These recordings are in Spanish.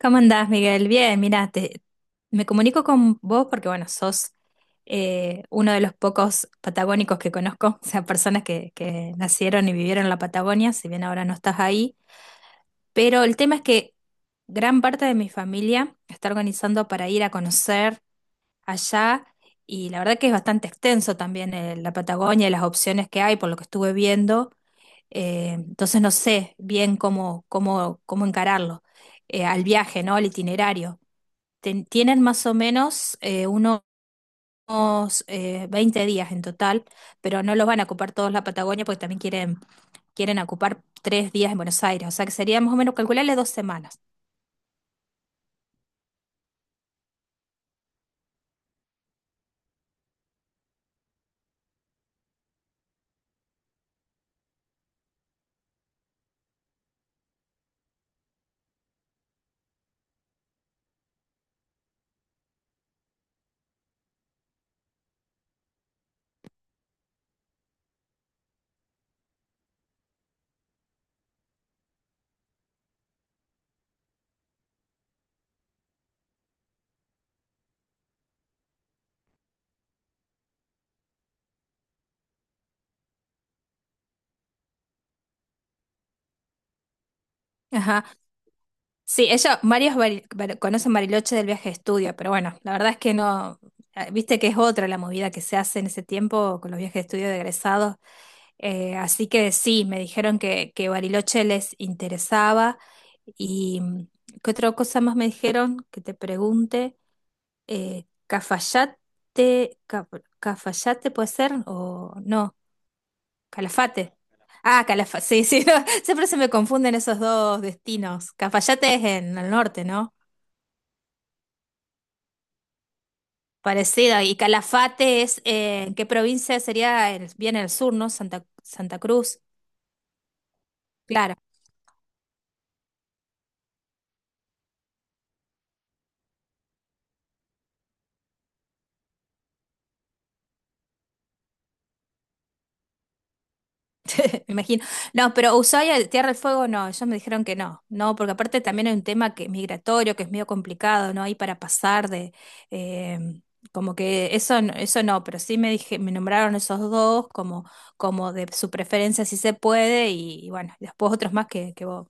¿Cómo andás, Miguel? Bien, mira, me comunico con vos porque, bueno, sos uno de los pocos patagónicos que conozco, o sea, personas que nacieron y vivieron en la Patagonia, si bien ahora no estás ahí, pero el tema es que gran parte de mi familia está organizando para ir a conocer allá y la verdad que es bastante extenso también la Patagonia y las opciones que hay por lo que estuve viendo, entonces no sé bien cómo encararlo, al viaje, ¿no? Al itinerario tienen más o menos unos 20 días en total, pero no los van a ocupar todos la Patagonia porque también quieren, quieren ocupar 3 días en Buenos Aires, o sea que sería más o menos calcularle 2 semanas. Ajá. Sí, ellos, varios conocen Bariloche del viaje de estudio, pero bueno, la verdad es que no, viste que es otra la movida que se hace en ese tiempo con los viajes de estudio de egresados. Así que sí, me dijeron que Bariloche les interesaba. ¿Y qué otra cosa más me dijeron que te pregunte? Cafayate, Cafayate puede ser o no, Calafate. Ah, Calafate, sí, sí, no, siempre se me confunden esos dos destinos. Cafayate es en el norte, ¿no? Parecido. Y Calafate es, ¿en qué provincia sería? El- bien el sur, ¿no? Santa, Santa Cruz. Claro. Me imagino. No, pero Ushuaia, Tierra del Fuego, no, ellos me dijeron que no, no, porque aparte también hay un tema que es migratorio, que es medio complicado, ¿no? Ahí para pasar eh, como que eso, eso no, pero sí me nombraron esos dos como, de su preferencia si se puede, y bueno, y después otros más que, que vos,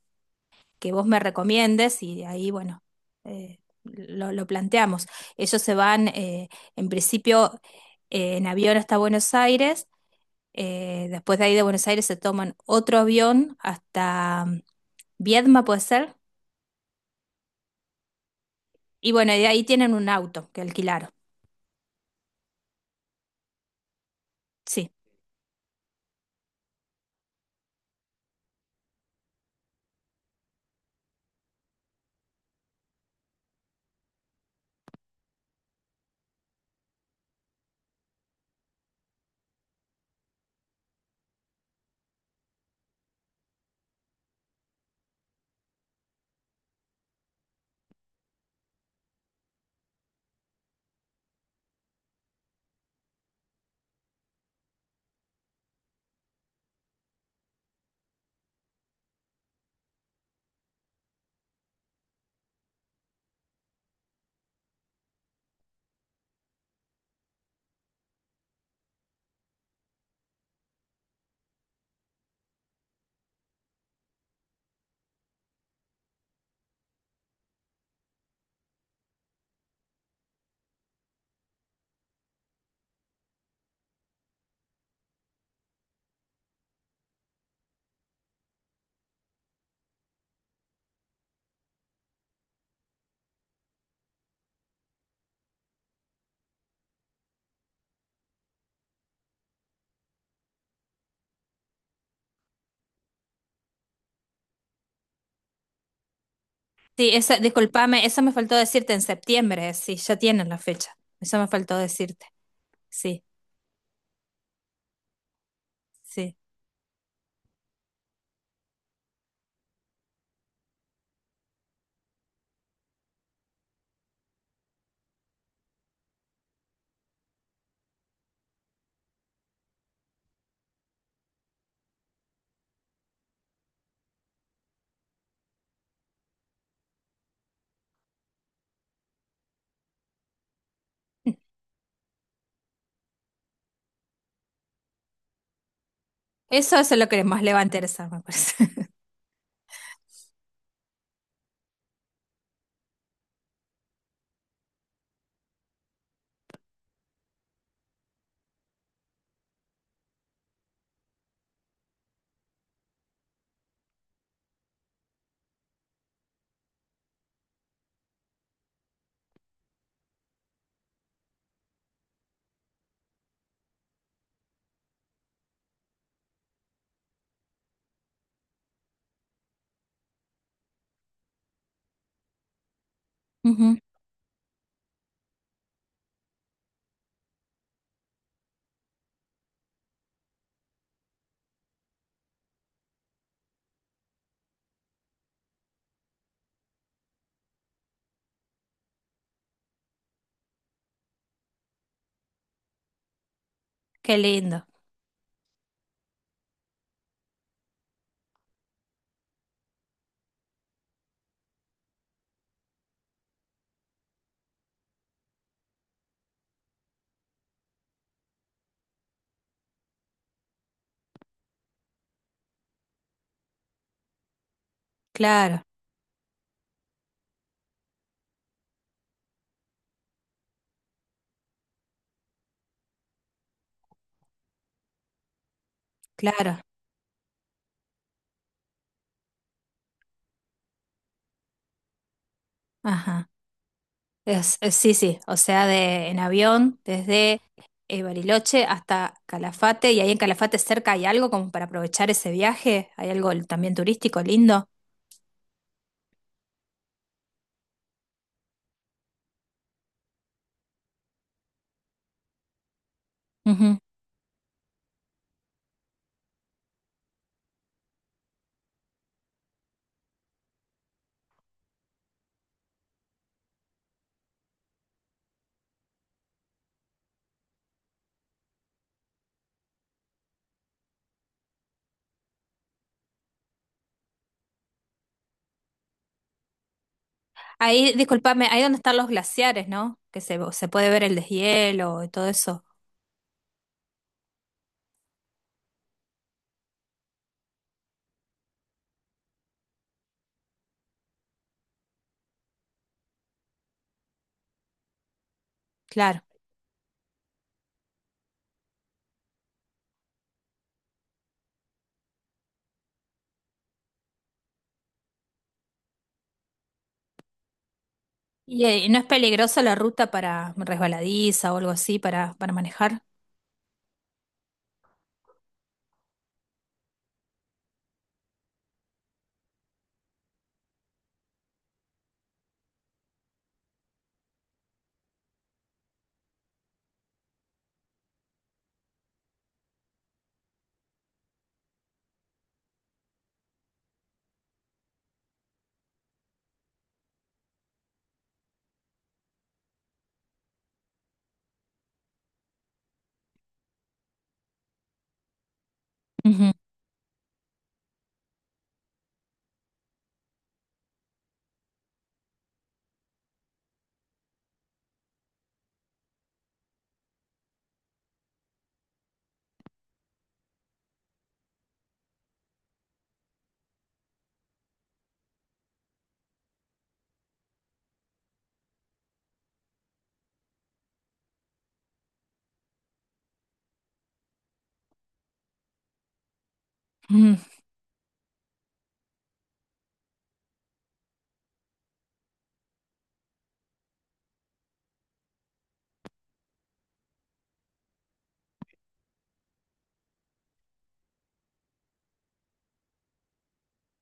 que vos me recomiendes, y ahí, bueno, lo planteamos. Ellos se van, en principio, en avión hasta Buenos Aires, después de ahí de Buenos Aires se toman otro avión hasta Viedma, puede ser. Y bueno, y de ahí tienen un auto que alquilaron. Sí. Sí, esa, discúlpame, eso me faltó decirte en septiembre. Sí, ya tienen la fecha. Eso me faltó decirte. Sí, sí. Eso es lo que más le va a interesar, me parece. Ujú. Qué lindo. Claro, claro. Ajá. Sí, sí, o sea, de, en avión desde Bariloche hasta Calafate y ahí en Calafate cerca hay algo como para aprovechar ese viaje, hay algo también turístico lindo. Ujú. Ahí, discúlpame, ahí donde están los glaciares, ¿no? Que se puede ver el deshielo y todo eso, claro. ¿Y no es peligrosa la ruta para resbaladiza o algo así para, manejar? Ujú, ujú.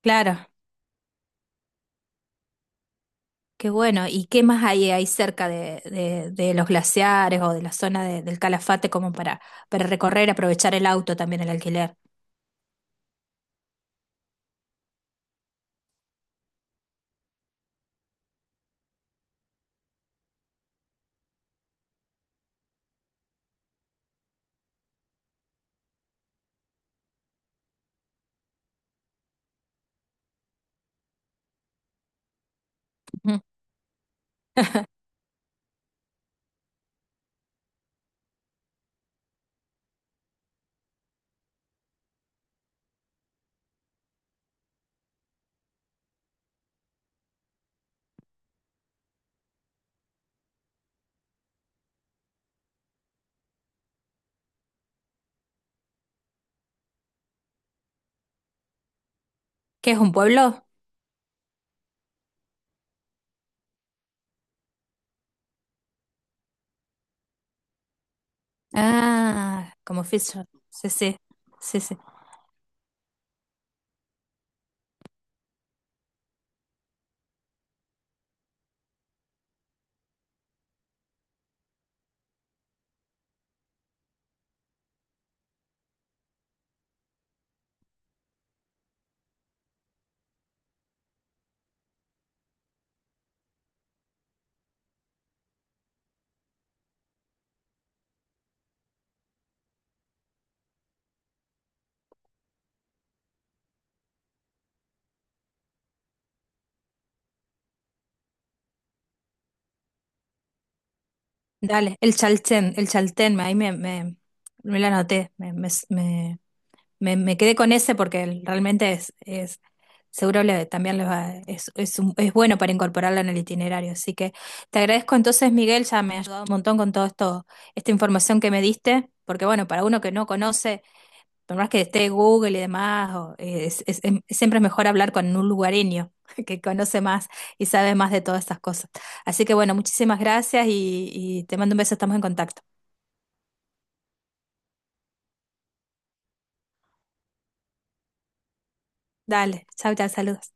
Claro. Qué bueno. ¿Y qué más hay ahí cerca de, de los glaciares o de la zona del Calafate como para recorrer, aprovechar el auto también, el alquiler? Ujú. ¿Qué es un pueblo? Ah, como Fisher. Sí, sí, sí, sí. Dale, el Chaltén, ahí me la anoté, me, me quedé con ese porque realmente es seguro también les va, es bueno para incorporarlo en el itinerario. Así que te agradezco entonces, Miguel, ya me ha ayudado un montón con todo esto, esta información que me diste, porque bueno, para uno que no conoce, por más que esté Google y demás, siempre es mejor hablar con un lugareño que conoce más y sabe más de todas estas cosas. Así que bueno, muchísimas gracias y te mando un beso, estamos en contacto. Dale, chao, chao, saludos.